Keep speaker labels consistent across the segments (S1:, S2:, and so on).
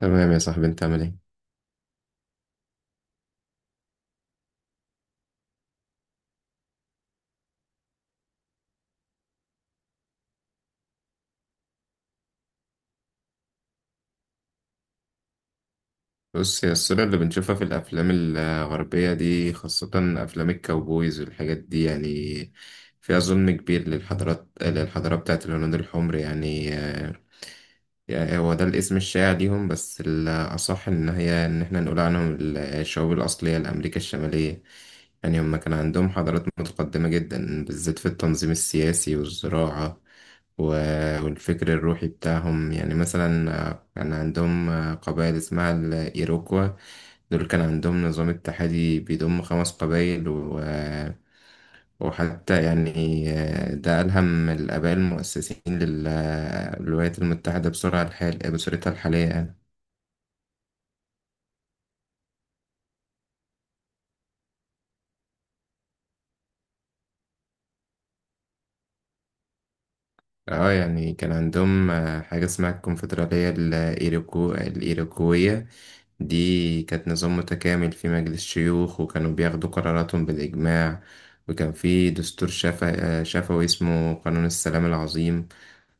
S1: تمام يا صاحبي، انت عامل ايه؟ بص الصورة اللي بنشوفها في الافلام الغربية دي، خاصة افلام الكاوبويز والحاجات دي يعني، فيها ظلم كبير للحضارة بتاعت الهنود الحمر يعني هو ده الاسم الشائع ليهم، بس الأصح إن إحنا نقول عنهم الشعوب الأصلية لأمريكا الشمالية. يعني هم كان عندهم حضارات متقدمة جدا، بالذات في التنظيم السياسي والزراعة و- والفكر الروحي بتاعهم. يعني مثلا كان عندهم قبائل اسمها الإيروكوا، دول كان عندهم نظام اتحادي بيضم خمس قبائل. وحتى يعني ده ألهم الآباء المؤسسين للولايات المتحدة بسرعة الحال بصورتها الحالية يعني. اه يعني كان عندهم حاجة اسمها الكونفدرالية الإيروكوية. دي كانت نظام متكامل، في مجلس شيوخ وكانوا بياخدوا قراراتهم بالإجماع، وكان في دستور شفوي اسمه قانون السلام العظيم.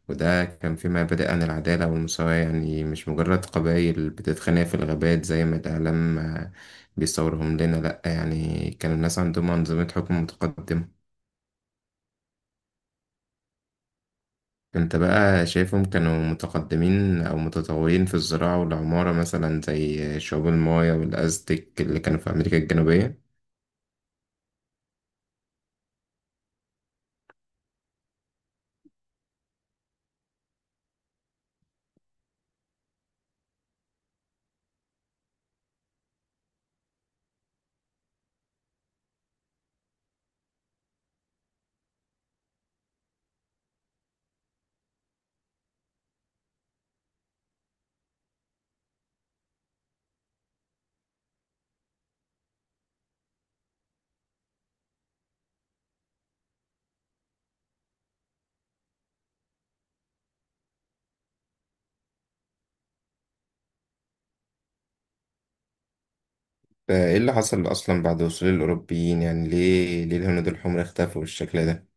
S1: وده كان في مبادئ عن العدالة والمساواة، يعني مش مجرد قبائل بتتخانق في الغابات زي ما الإعلام بيصورهم لنا. لأ، يعني كانوا الناس عندهم أنظمة حكم متقدمة. انت بقى شايفهم كانوا متقدمين أو متطورين في الزراعة والعمارة مثلا زي شعوب المايا والأزتك اللي كانوا في أمريكا الجنوبية؟ فإيه اللي حصل أصلا بعد وصول الأوروبيين؟ يعني ليه الهنود الحمر اختفوا بالشكل ده؟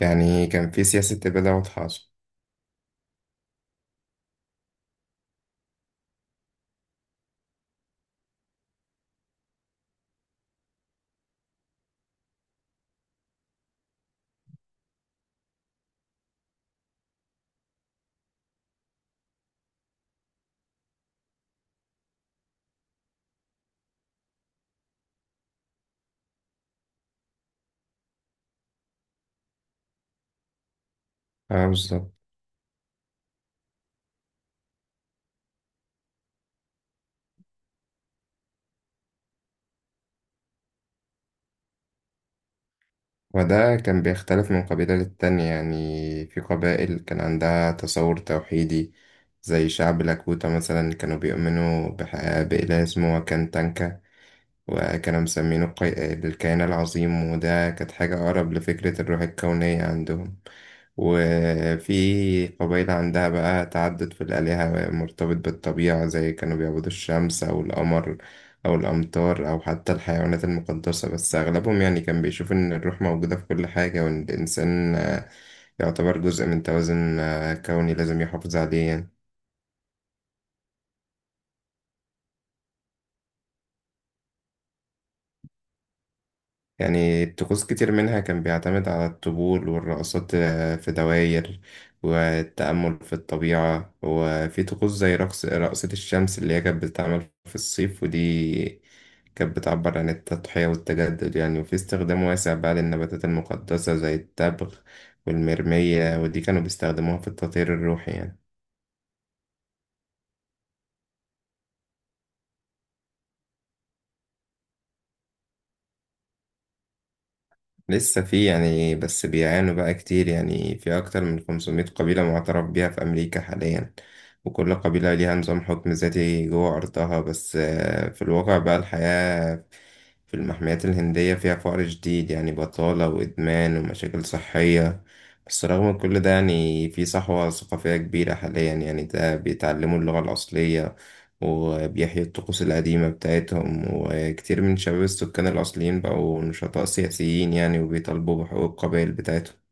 S1: يعني كان في سياسة إبادة واضحة أصلا. اه بالظبط. وده كان بيختلف من قبيلة للتانية. يعني في قبائل كان عندها تصور توحيدي، زي شعب لاكوتا مثلا، كانوا بيؤمنوا بإله اسمه واكان تانكا، وكانوا مسمينه الكيان العظيم، وده كانت حاجة أقرب لفكرة الروح الكونية عندهم. وفي قبيلة عندها بقى تعدد في الآلهة مرتبط بالطبيعة، زي كانوا بيعبدوا الشمس أو القمر أو الأمطار أو حتى الحيوانات المقدسة. بس أغلبهم يعني كان بيشوف إن الروح موجودة في كل حاجة، وإن الإنسان يعتبر جزء من توازن كوني لازم يحافظ عليه يعني. يعني طقوس كتير منها كان بيعتمد على الطبول والرقصات في دواير، والتأمل في الطبيعة، وفي طقوس زي رقص رقصة الشمس اللي هي كانت بتتعمل في الصيف، ودي كانت بتعبر عن التضحية والتجدد يعني. وفي استخدام واسع بقى للنباتات المقدسة زي التبغ والمرمية، ودي كانوا بيستخدموها في التطهير الروحي يعني. لسه في يعني، بس بيعانوا بقى كتير. يعني في أكتر من 500 قبيلة معترف بيها في أمريكا حاليا، وكل قبيلة ليها نظام حكم ذاتي جوه أرضها. بس في الواقع بقى الحياة في المحميات الهندية فيها فقر شديد يعني، بطالة وإدمان ومشاكل صحية. بس رغم كل ده يعني في صحوة ثقافية كبيرة حاليا، يعني ده بيتعلموا اللغة الأصلية وبيحيي الطقوس القديمة بتاعتهم، وكتير من شباب السكان الأصليين بقوا نشطاء سياسيين يعني وبيطالبوا بحقوق القبائل بتاعتهم.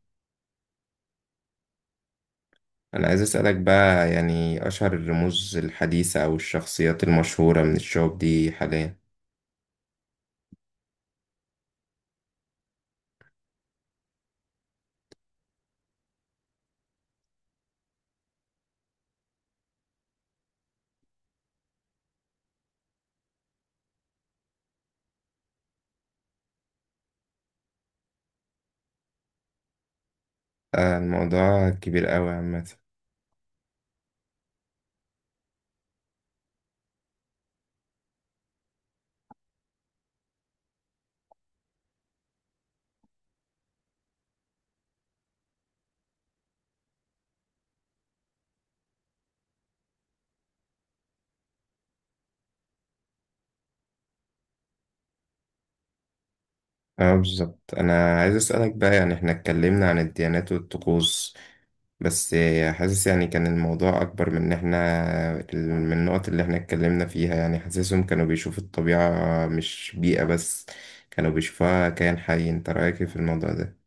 S1: أنا عايز أسألك بقى، يعني أشهر الرموز الحديثة أو الشخصيات المشهورة من الشعوب دي حاليا؟ الموضوع كبير أوي عامة. اه بالظبط. أنا عايز أسألك بقى يعني، احنا اتكلمنا عن الديانات والطقوس بس حاسس يعني كان الموضوع أكبر من النقط اللي إحنا اتكلمنا فيها. يعني حاسسهم كانوا بيشوفوا الطبيعة مش بيئة بس، كانوا بيشوفوها كائن حي. أنت رأيك إيه في الموضوع ده؟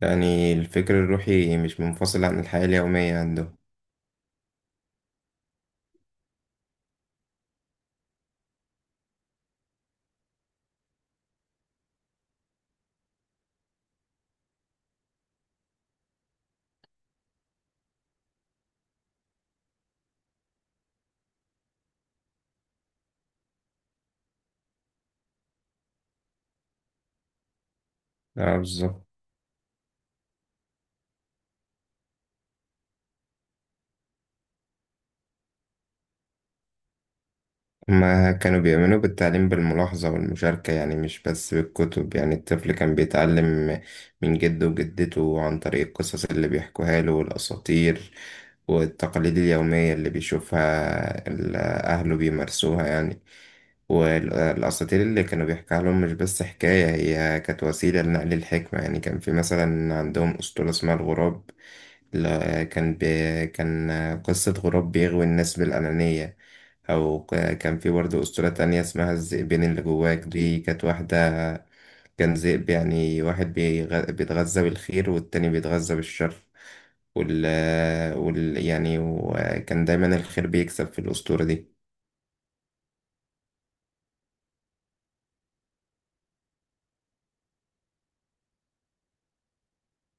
S1: يعني الفكر الروحي مش منفصل عن الحياة اليومية عندهم. اه بالظبط. ما كانوا بيؤمنوا بالتعليم بالملاحظة والمشاركة يعني، مش بس بالكتب. يعني الطفل كان بيتعلم من جده وجدته عن طريق القصص اللي بيحكوها له، والأساطير والتقاليد اليومية اللي بيشوفها أهله بيمارسوها يعني. والأساطير اللي كانوا بيحكيها لهم مش بس حكاية، هي كانت وسيلة لنقل الحكمة يعني. كان في مثلا عندهم أسطورة اسمها الغراب، لا كان قصة غراب بيغوي الناس بالأنانية. أو كان في برضه أسطورة تانية اسمها الذئبين اللي جواك، دي كانت واحدة، كان ذئب يعني، واحد بيتغذى بالخير والتاني بيتغذى بالشر. وال... يعني وكان دايما الخير بيكسب في الأسطورة دي.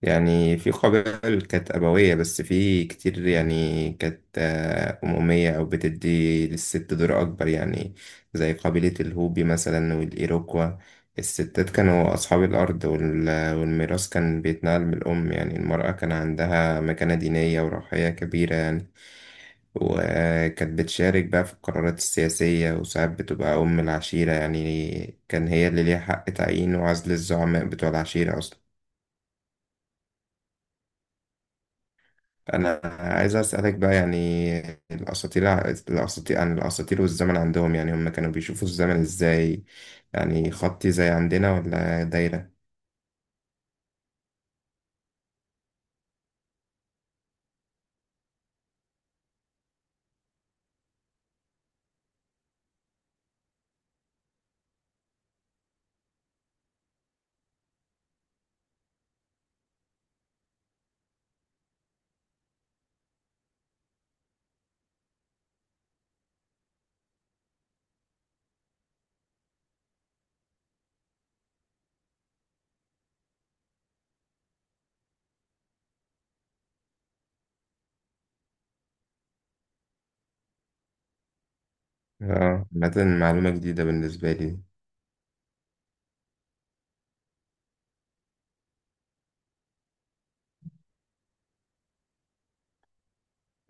S1: يعني في قبائل كانت أبوية، بس في كتير يعني كانت أمومية أو بتدي للست دور أكبر يعني، زي قبيلة الهوبي مثلا والإيروكوا. الستات كانوا أصحاب الأرض والميراث كان بيتنقل من الأم، يعني المرأة كان عندها مكانة دينية وروحية كبيرة يعني، وكانت بتشارك بقى في القرارات السياسية، وساعات بتبقى أم العشيرة، يعني كان هي اللي ليها حق تعيين وعزل الزعماء بتوع العشيرة أصلا. انا عايز اسالك بقى يعني، الاساطير الاساطير عن الاساطير والزمن عندهم. يعني هم كانوا بيشوفوا الزمن ازاي؟ يعني خطي زي عندنا ولا دايره؟ اه، مثلا معلومه جديده بالنسبه لي.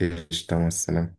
S1: ايش، تمام، السلام.